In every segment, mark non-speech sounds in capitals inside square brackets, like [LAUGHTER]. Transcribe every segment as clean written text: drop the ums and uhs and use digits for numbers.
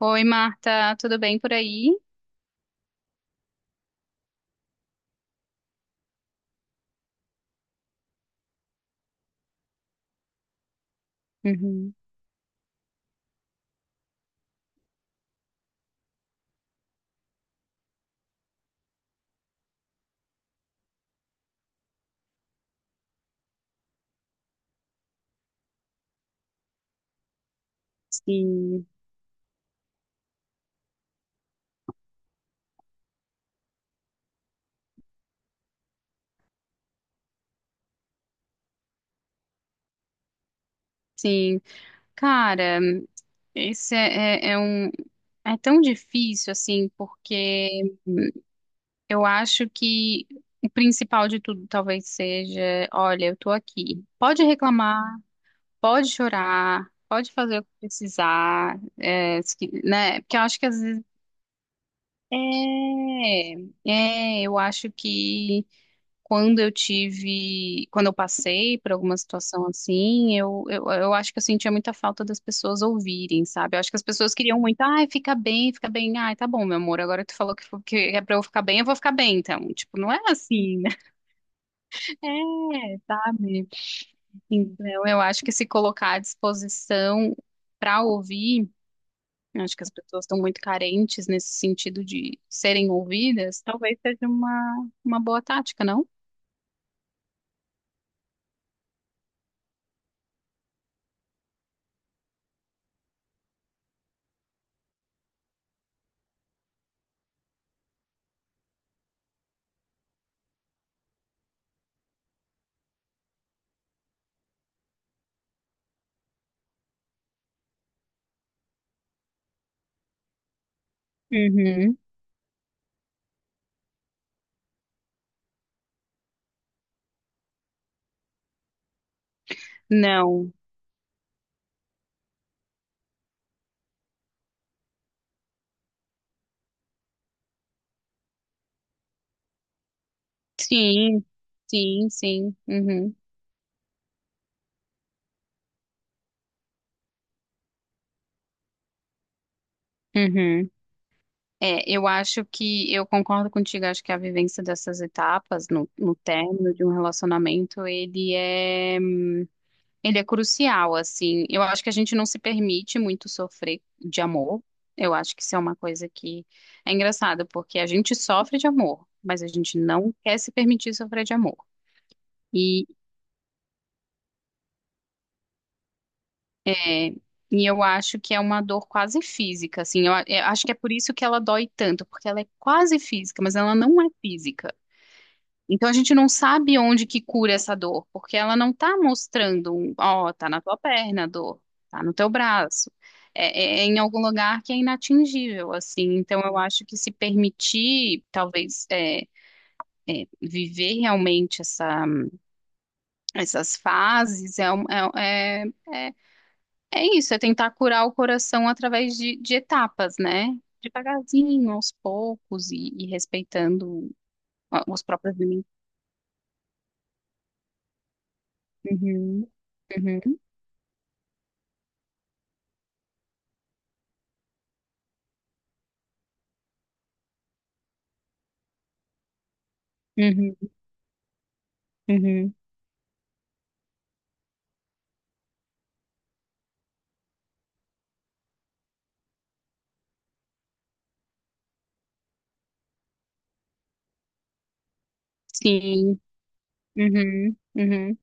Oi, Marta, tudo bem por aí? Uhum. Sim, sim. Cara, esse é um. É tão difícil, assim, porque eu acho que o principal de tudo talvez seja: olha, eu tô aqui. Pode reclamar, pode chorar, pode fazer o que precisar, é, se que- né? Porque eu acho que às vezes. É, eu acho que. Quando eu passei por alguma situação assim, eu acho que eu sentia muita falta das pessoas ouvirem, sabe? Eu acho que as pessoas queriam muito, ai, fica bem, ai, tá bom, meu amor, agora tu falou que é pra eu ficar bem, eu vou ficar bem, então. Tipo, não é assim, né? [LAUGHS] É, sabe? Então, eu acho que se colocar à disposição para ouvir, eu acho que as pessoas estão muito carentes nesse sentido de serem ouvidas, talvez seja uma boa tática, não? Uhum. Não. Sim, sim, sim. Uhum, uhum. É, eu acho que eu concordo contigo, acho que a vivência dessas etapas no término de um relacionamento, ele é crucial, assim. Eu acho que a gente não se permite muito sofrer de amor. Eu acho que isso é uma coisa que é engraçado, porque a gente sofre de amor, mas a gente não quer se permitir sofrer de amor. É, e eu acho que é uma dor quase física, assim. Eu acho que é por isso que ela dói tanto, porque ela é quase física, mas ela não é física. Então a gente não sabe onde que cura essa dor, porque ela não tá mostrando, ó, tá na tua perna a dor, tá no teu braço. É, é em algum lugar que é inatingível, assim. Então eu acho que se permitir, talvez, viver realmente essas fases é, é- é É isso, é tentar curar o coração através de etapas, né? Devagarzinho, aos poucos e respeitando os próprios limites. Uhum, uhum, uhum, uhum. Sim, uhum, uhum.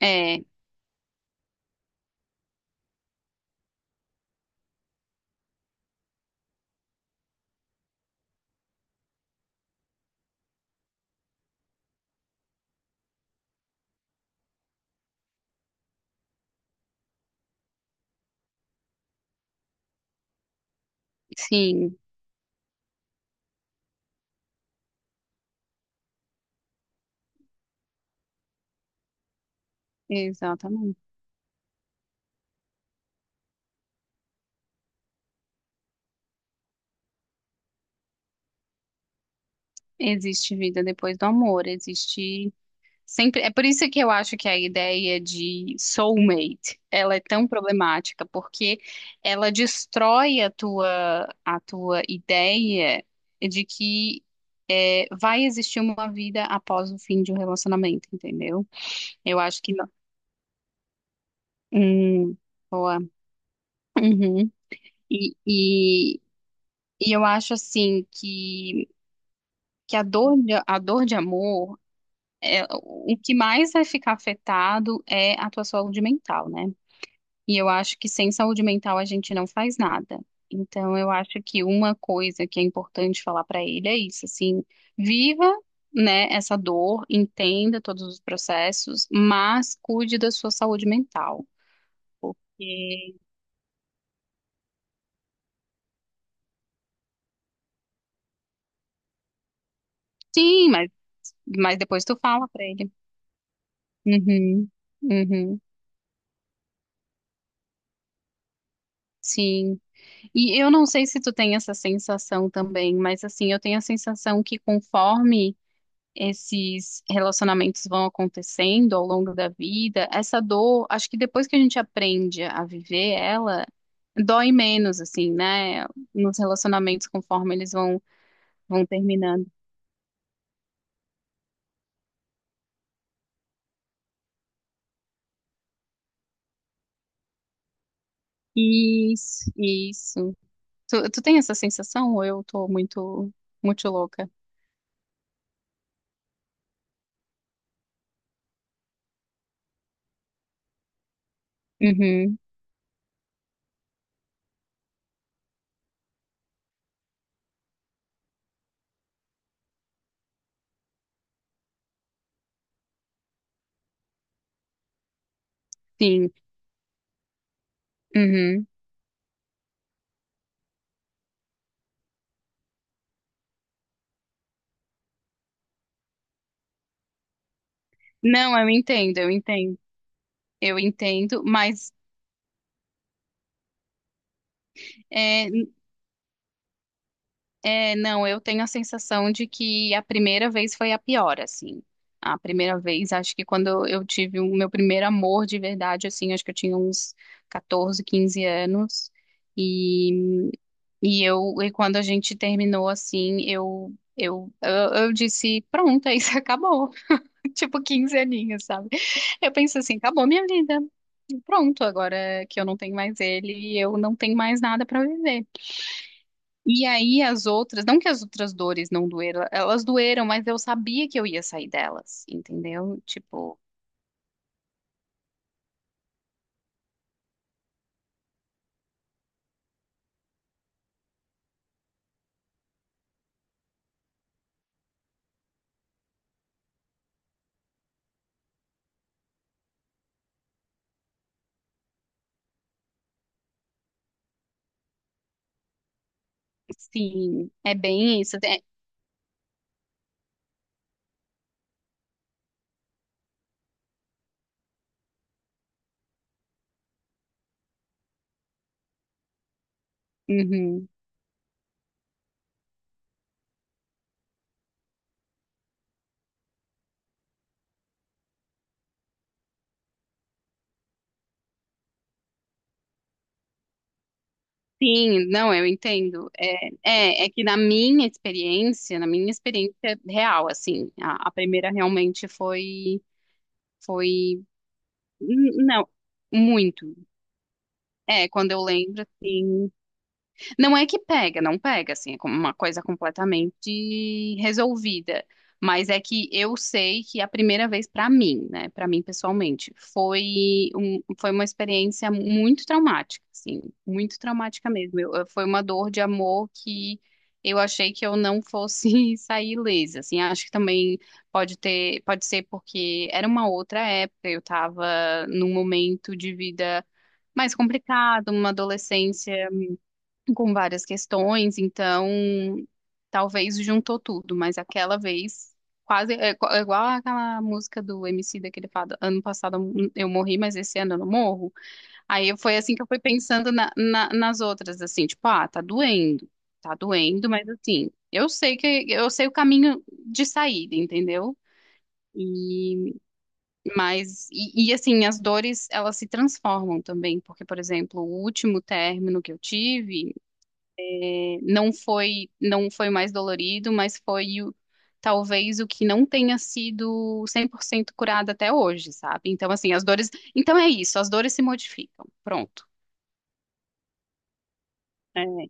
É, sim, exatamente. Existe vida depois do amor, existe sempre, é por isso que eu acho que a ideia de soulmate, ela é tão problemática, porque ela destrói a tua ideia de que vai existir uma vida após o fim de um relacionamento, entendeu? Eu acho que não. Hum, boa. Uhum. E, e, e eu acho assim que a dor de amor, o que mais vai ficar afetado é a tua saúde mental, né? E eu acho que sem saúde mental a gente não faz nada. Então, eu acho que uma coisa que é importante falar para ele é isso, assim, viva, né, essa dor, entenda todos os processos, mas cuide da sua saúde mental. Porque sim, mas depois tu fala para ele. Uhum, uhum. Sim. E eu não sei se tu tem essa sensação também, mas assim, eu tenho a sensação que conforme esses relacionamentos vão acontecendo ao longo da vida, essa dor, acho que depois que a gente aprende a viver ela, dói menos, assim, né? Nos relacionamentos, conforme eles vão terminando. Isso, isso. Tu tem essa sensação ou eu tô muito, muito louca? Uhum, sim, uhum. Não, eu entendo, eu entendo. Eu entendo, mas. É. É, não, eu tenho a sensação de que a primeira vez foi a pior, assim. A primeira vez, acho que quando eu tive o meu primeiro amor de verdade, assim, acho que eu tinha uns 14, 15 anos. E, e quando a gente terminou, assim, eu disse, pronto, é isso, [LAUGHS] acabou. Tipo, 15 aninhos, sabe? Eu penso assim, acabou minha vida. Pronto, agora que eu não tenho mais ele, eu não tenho mais nada pra viver. E aí as outras, não que as outras dores não doeram, elas doeram, mas eu sabia que eu ia sair delas, entendeu? Tipo, sim, é bem isso. Uhum. Sim, não, eu entendo. É que na minha experiência real, assim, a primeira realmente foi, foi, não, muito. É, quando eu lembro, assim. Não é que pega, não pega, assim, é como uma coisa completamente resolvida. Mas é que eu sei que a primeira vez pra mim, né, pra mim pessoalmente, foi uma experiência muito traumática, assim, muito traumática mesmo. Foi uma dor de amor que eu achei que eu não fosse [LAUGHS] sair ilesa, assim. Acho que também pode ser porque era uma outra época, eu tava num momento de vida mais complicado, uma adolescência com várias questões, então talvez juntou tudo, mas aquela vez quase é igual aquela música do Emicida que ele fala, ano passado eu morri, mas esse ano eu não morro. Aí foi assim que eu fui pensando nas outras, assim, tipo, ah, tá doendo, mas assim, eu sei que eu sei o caminho de saída, entendeu? E mas assim, as dores elas se transformam também, porque por exemplo, o último término que eu tive não foi mais dolorido, mas foi talvez o que não tenha sido 100% curado até hoje, sabe? Então, assim, as dores. Então é isso, as dores se modificam. Pronto. É,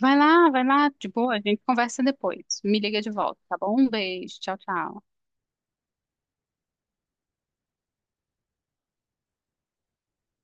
vai lá, vai lá, de boa, a gente conversa depois. Me liga de volta, tá bom? Um beijo, tchau, tchau.